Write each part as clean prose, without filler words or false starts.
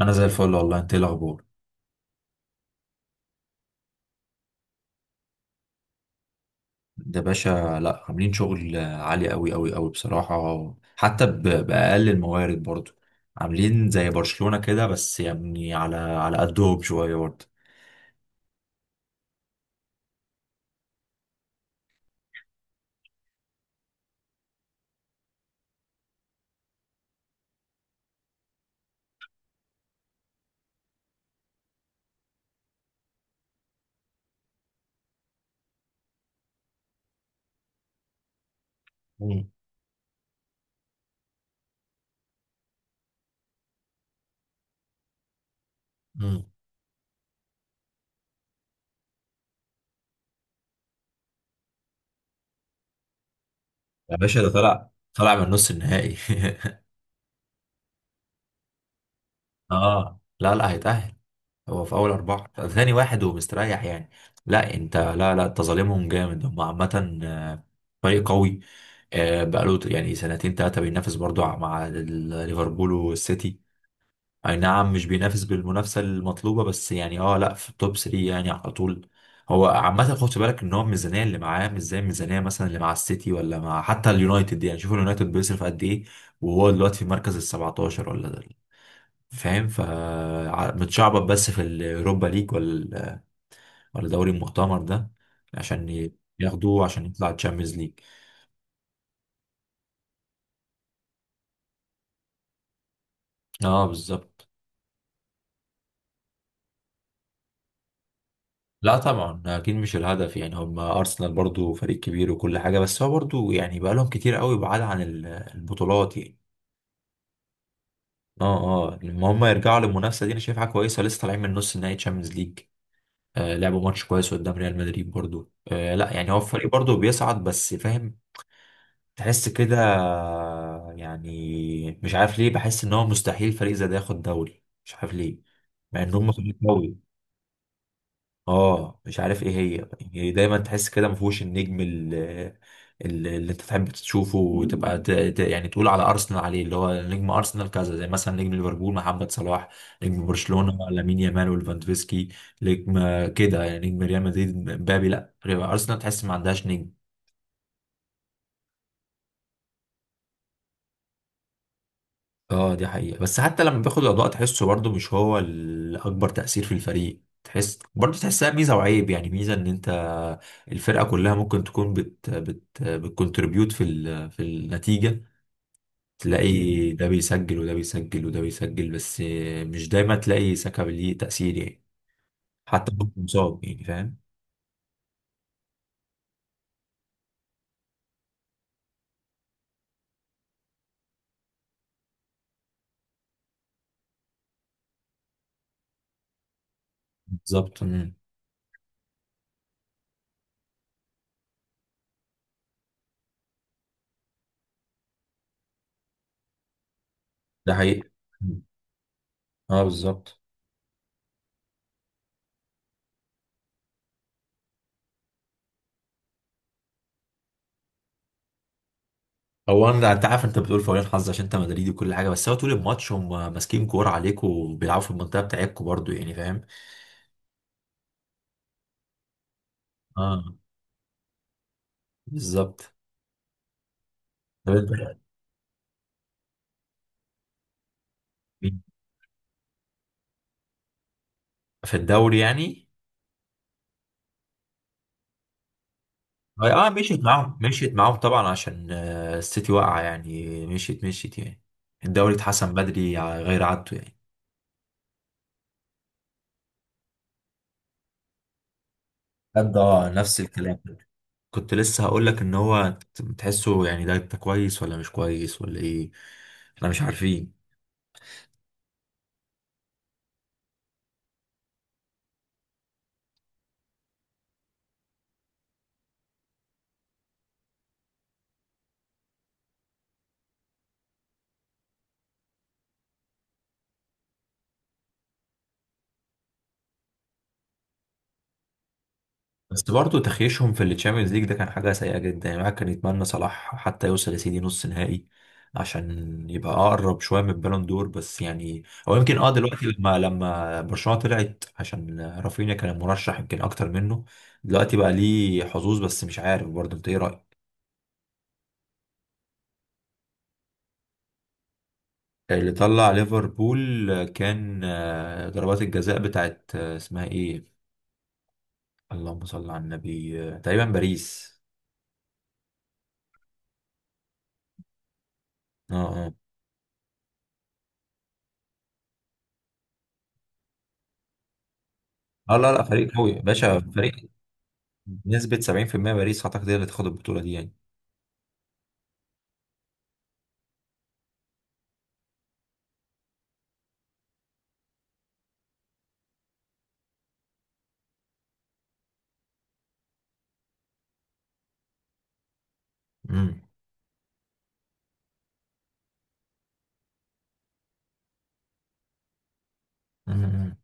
انا زي الفل والله. انت ايه الاخبار؟ ده باشا. لا، عاملين شغل عالي قوي قوي قوي بصراحه حتى باقل الموارد برضو. عاملين زي برشلونه كده، بس يعني على قدهم شويه برضو. مم. مم. يا باشا، ده طلع من نص النهائي. اه، لا لا، هيتأهل. هو في اول اربعه، ثاني واحد ومستريح يعني. لا لا، انت ظالمهم جامد. هم عامه فريق قوي. بقاله يعني سنتين ثلاثه بينافس برضو مع ليفربول والسيتي. اي نعم، مش بينافس بالمنافسه المطلوبه، بس يعني لا، في التوب 3 يعني على طول. هو عامه خد بالك ان هو الميزانيه اللي معاه مش زي الميزانيه مثلا اللي مع السيتي ولا مع حتى اليونايتد، يعني شوف اليونايتد بيصرف قد ايه. وهو دلوقتي في المركز ال 17 ولا ده، فاهم متشعبط بس في اليوروبا ليج ولا ولا دوري المؤتمر ده، عشان ياخدوه عشان يطلع تشامبيونز ليج. اه، بالظبط. لا طبعا، اكيد مش الهدف. يعني هم ارسنال برضو فريق كبير وكل حاجه، بس هو برضو يعني بقى لهم كتير قوي بعاد عن البطولات يعني. اه. اه، لما هم يرجعوا للمنافسه دي انا شايفها كويسه. لسه طالعين من نص نهائي تشامبيونز ليج. لعبوا ماتش كويس قدام ريال مدريد برضو. لا يعني، هو الفريق برضو بيصعد بس، فاهم. تحس كده. يعني مش عارف ليه، بحس ان هو مستحيل فريق زي ده ياخد دوري. مش عارف ليه. مع ان هم فريق قوي. اه، مش عارف ايه هي. يعني دايما تحس كده ما فيهوش النجم اللي انت تحب تشوفه وتبقى يعني تقول على ارسنال عليه، اللي هو نجم ارسنال كذا. زي مثلا نجم ليفربول محمد صلاح، نجم برشلونة لامين يامال وليفاندوفسكي، نجم كده يعني، نجم ريال مدريد مبابي. لا، ارسنال تحس ما عندهاش نجم. اه، دي حقيقة. بس حتى لما بياخد الأضواء تحسه برضه مش هو الأكبر تأثير في الفريق. تحس برضه، تحسها ميزة وعيب يعني، ميزة إن أنت الفرقة كلها ممكن تكون بت بت بتكونتريبيوت في النتيجة. مم. تلاقي ده بيسجل، وده بيسجل، وده بيسجل، بس مش دايما تلاقي ساكا ليه تأثير يعني. حتى ممكن مصاب يعني، فاهم. بالظبط. مم. ده حقيقة. مم. اه، بالظبط. هو انا انت عارف، انت بتقول فوالين حظ عشان انت مدريدي وكل حاجه، بس هو طول الماتش هم ماسكين كوره عليك وبيلعبوا في المنطقه بتاعتكوا برضو يعني، فاهم. اه. بالظبط. طب انت. في الدوري يعني. اه، مشيت معاهم مشيت معاهم طبعا عشان السيتي واقعه يعني، مشيت مشيت يعني. الدوري اتحسم بدري على غير عادته يعني. بجد. اه، نفس الكلام. كنت لسه هقول لك ان هو تحسه يعني، ده انت كويس ولا مش كويس ولا ايه؟ احنا مش عارفين. بس برضه تخيشهم في التشامبيونز ليج ده كان حاجة سيئة جدا يعني. الواحد كان يتمنى صلاح حتى يوصل يا سيدي نص نهائي عشان يبقى أقرب شوية من البالون دور بس يعني. أو يمكن، دلوقتي لما برشلونة طلعت عشان رافينيا كان مرشح يمكن أكتر منه. دلوقتي بقى ليه حظوظ، بس مش عارف. برضه أنت إيه رأيك؟ اللي طلع ليفربول كان ضربات الجزاء بتاعت اسمها إيه؟ اللهم صل على النبي. تقريبا باريس. اه. اه، اه، لا لا، فريق قوي يا باشا، فريق. بنسبة 70% باريس أعتقد هي اللي تاخد البطولة دي يعني. مم. مم. مم.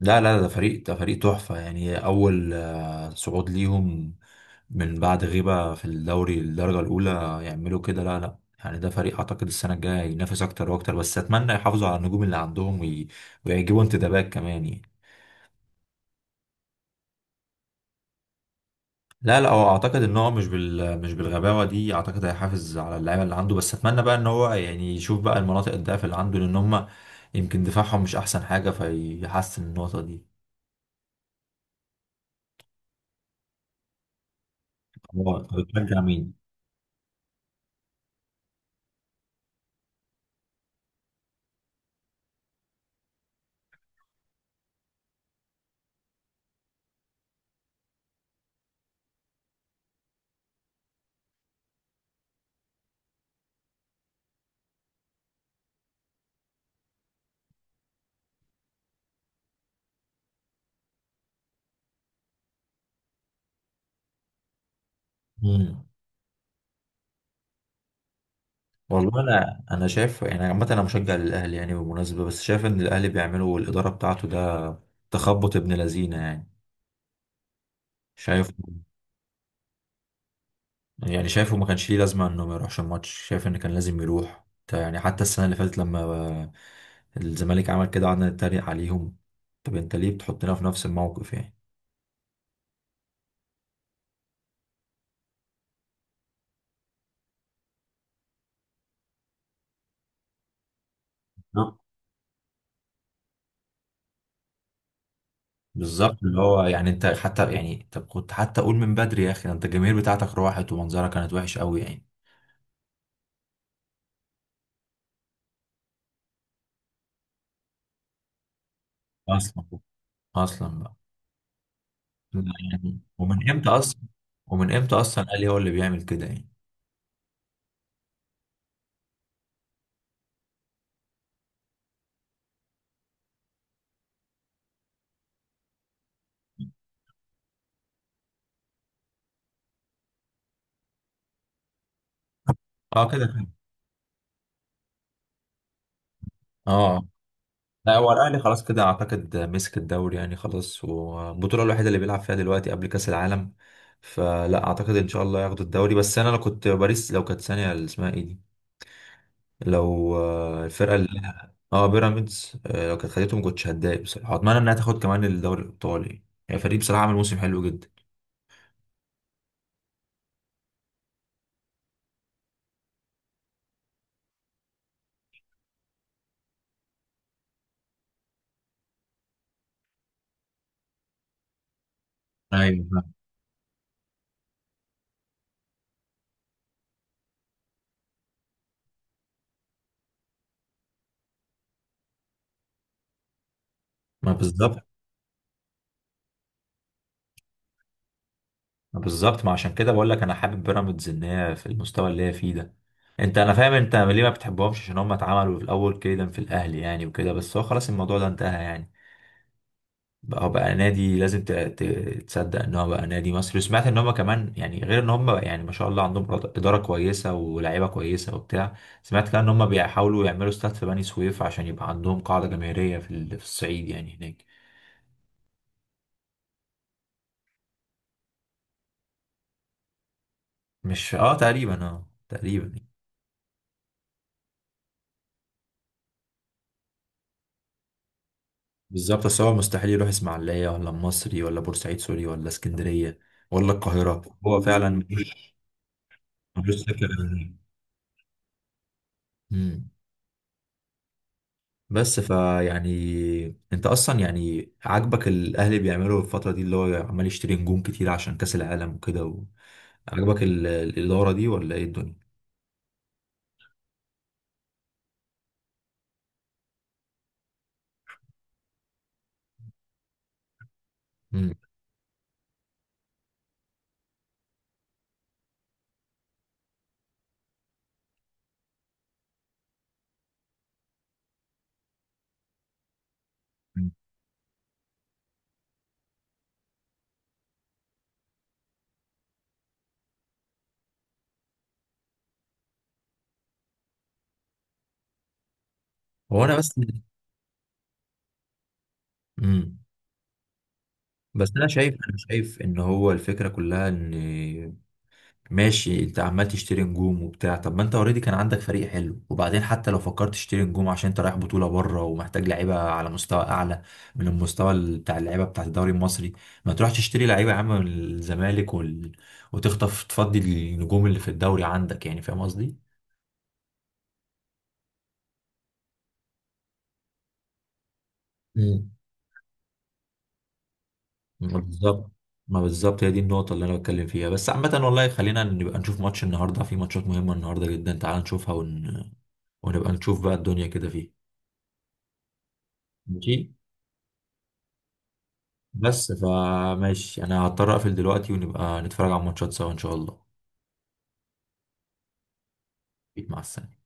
لا لا، ده فريق تحفة يعني، أول صعود ليهم من بعد غيبة في الدوري الدرجة الأولى. يعملوا كده. لا لا. يعني ده فريق أعتقد السنة الجاية ينافس أكتر وأكتر. بس أتمنى يحافظوا على النجوم اللي عندهم ويجيبوا انتدابات كمان يعني. لا لا، هو اعتقد ان هو مش بالغباوه دي. اعتقد هيحافظ على اللعيبه اللي عنده، بس اتمنى بقى ان هو يعني يشوف بقى المناطق الضعف اللي عنده لان هم يمكن دفاعهم مش احسن حاجه، فيحسن النقطه دي. هو طب بتشجع مين؟ مم. والله، انا شايف يعني عامه، انا مشجع للاهلي يعني بالمناسبه، بس شايف ان الاهلي بيعملوا الاداره بتاعته ده تخبط ابن لذينه يعني. شايف. يعني شايفه ما كانش ليه لازمة انه ما يروحش الماتش. شايف ان كان لازم يروح يعني حتى السنة اللي فاتت لما الزمالك عمل كده، قعدنا نتريق عليهم. طب انت ليه بتحطنا في نفس الموقف يعني؟ نعم. بالظبط، اللي هو يعني، انت حتى يعني طب كنت حتى قول من بدري يا اخي. ده انت الجماهير بتاعتك راحت ومنظرها كانت وحش قوي يعني. اصلا. اصلا بقى. يعني ومن امتى اصلا؟ ومن امتى اصلا، قال هو اللي بيعمل كده يعني. اه، كده كده. اه. لا، هو الاهلي خلاص كده اعتقد مسك الدوري يعني خلاص. والبطوله الوحيده اللي بيلعب فيها دلوقتي قبل كاس العالم، فلا اعتقد، ان شاء الله ياخدوا الدوري. بس انا لو كنت باريس، لو كانت ثانيه اللي اسمها ايه دي، لو الفرقه اللي اه، بيراميدز. لو كانت خدته ما كنتش هتضايق بصراحه. اتمنى انها تاخد كمان الدوري الايطالي، يعني فريق بصراحه عمل موسم حلو جدا. ايوه. ما بالظبط. بالظبط، ما عشان كده بقول لك انا حابب بيراميدز ان هي في المستوى اللي هي فيه ده. انا فاهم انت ليه ما بتحبهمش، عشان هم اتعملوا في الاول كيدا في الاهلي يعني وكده. بس هو خلاص الموضوع ده انتهى يعني. بقى هو بقى نادي، لازم تصدق ان هو بقى نادي مصري. وسمعت ان هم كمان يعني، غير ان هم يعني ما شاء الله عندهم اداره كويسه ولاعيبه كويسه وبتاع. سمعت كمان ان هم بيحاولوا يعملوا استاد في بني سويف عشان يبقى عندهم قاعده جماهيريه في الصعيد يعني هناك. مش، اه تقريبا، اه تقريبا. بالظبط، بس هو مستحيل يروح اسماعيليه ولا المصري ولا بورسعيد. سوري، ولا اسكندريه ولا القاهره. هو فعلا ملوش، ملوش سكه غير. امم. بس، فيعني انت اصلا يعني، عاجبك الاهلي بيعملوا الفتره دي اللي هو عمال يشتري نجوم كتير عشان كاس العالم وكده عجبك الاداره دي ولا ايه الدنيا؟ امم. هو انا بس. امم. بس انا شايف ان هو الفكره كلها ان ماشي، انت عمال تشتري نجوم وبتاع. طب ما انت اوريدي كان عندك فريق حلو، وبعدين حتى لو فكرت تشتري نجوم عشان انت رايح بطولة بره ومحتاج لعيبة على مستوى اعلى من المستوى بتاع اللعيبة بتاع الدوري المصري، ما تروحش تشتري لعيبة يا عم من الزمالك وتخطف تفضي النجوم اللي في الدوري عندك يعني. فاهم قصدي؟ مم. ما بالظبط. ما بالظبط، هي دي النقطة اللي أنا بتكلم فيها. بس عامة والله، خلينا نبقى نشوف ماتش النهاردة. في ماتشات مهمة النهاردة جدا، تعال نشوفها ونبقى نشوف بقى الدنيا كده فيه. ماشي. بس فماشي، انا هضطر اقفل دلوقتي ونبقى نتفرج على الماتشات سوا ان شاء الله. مع السلامة.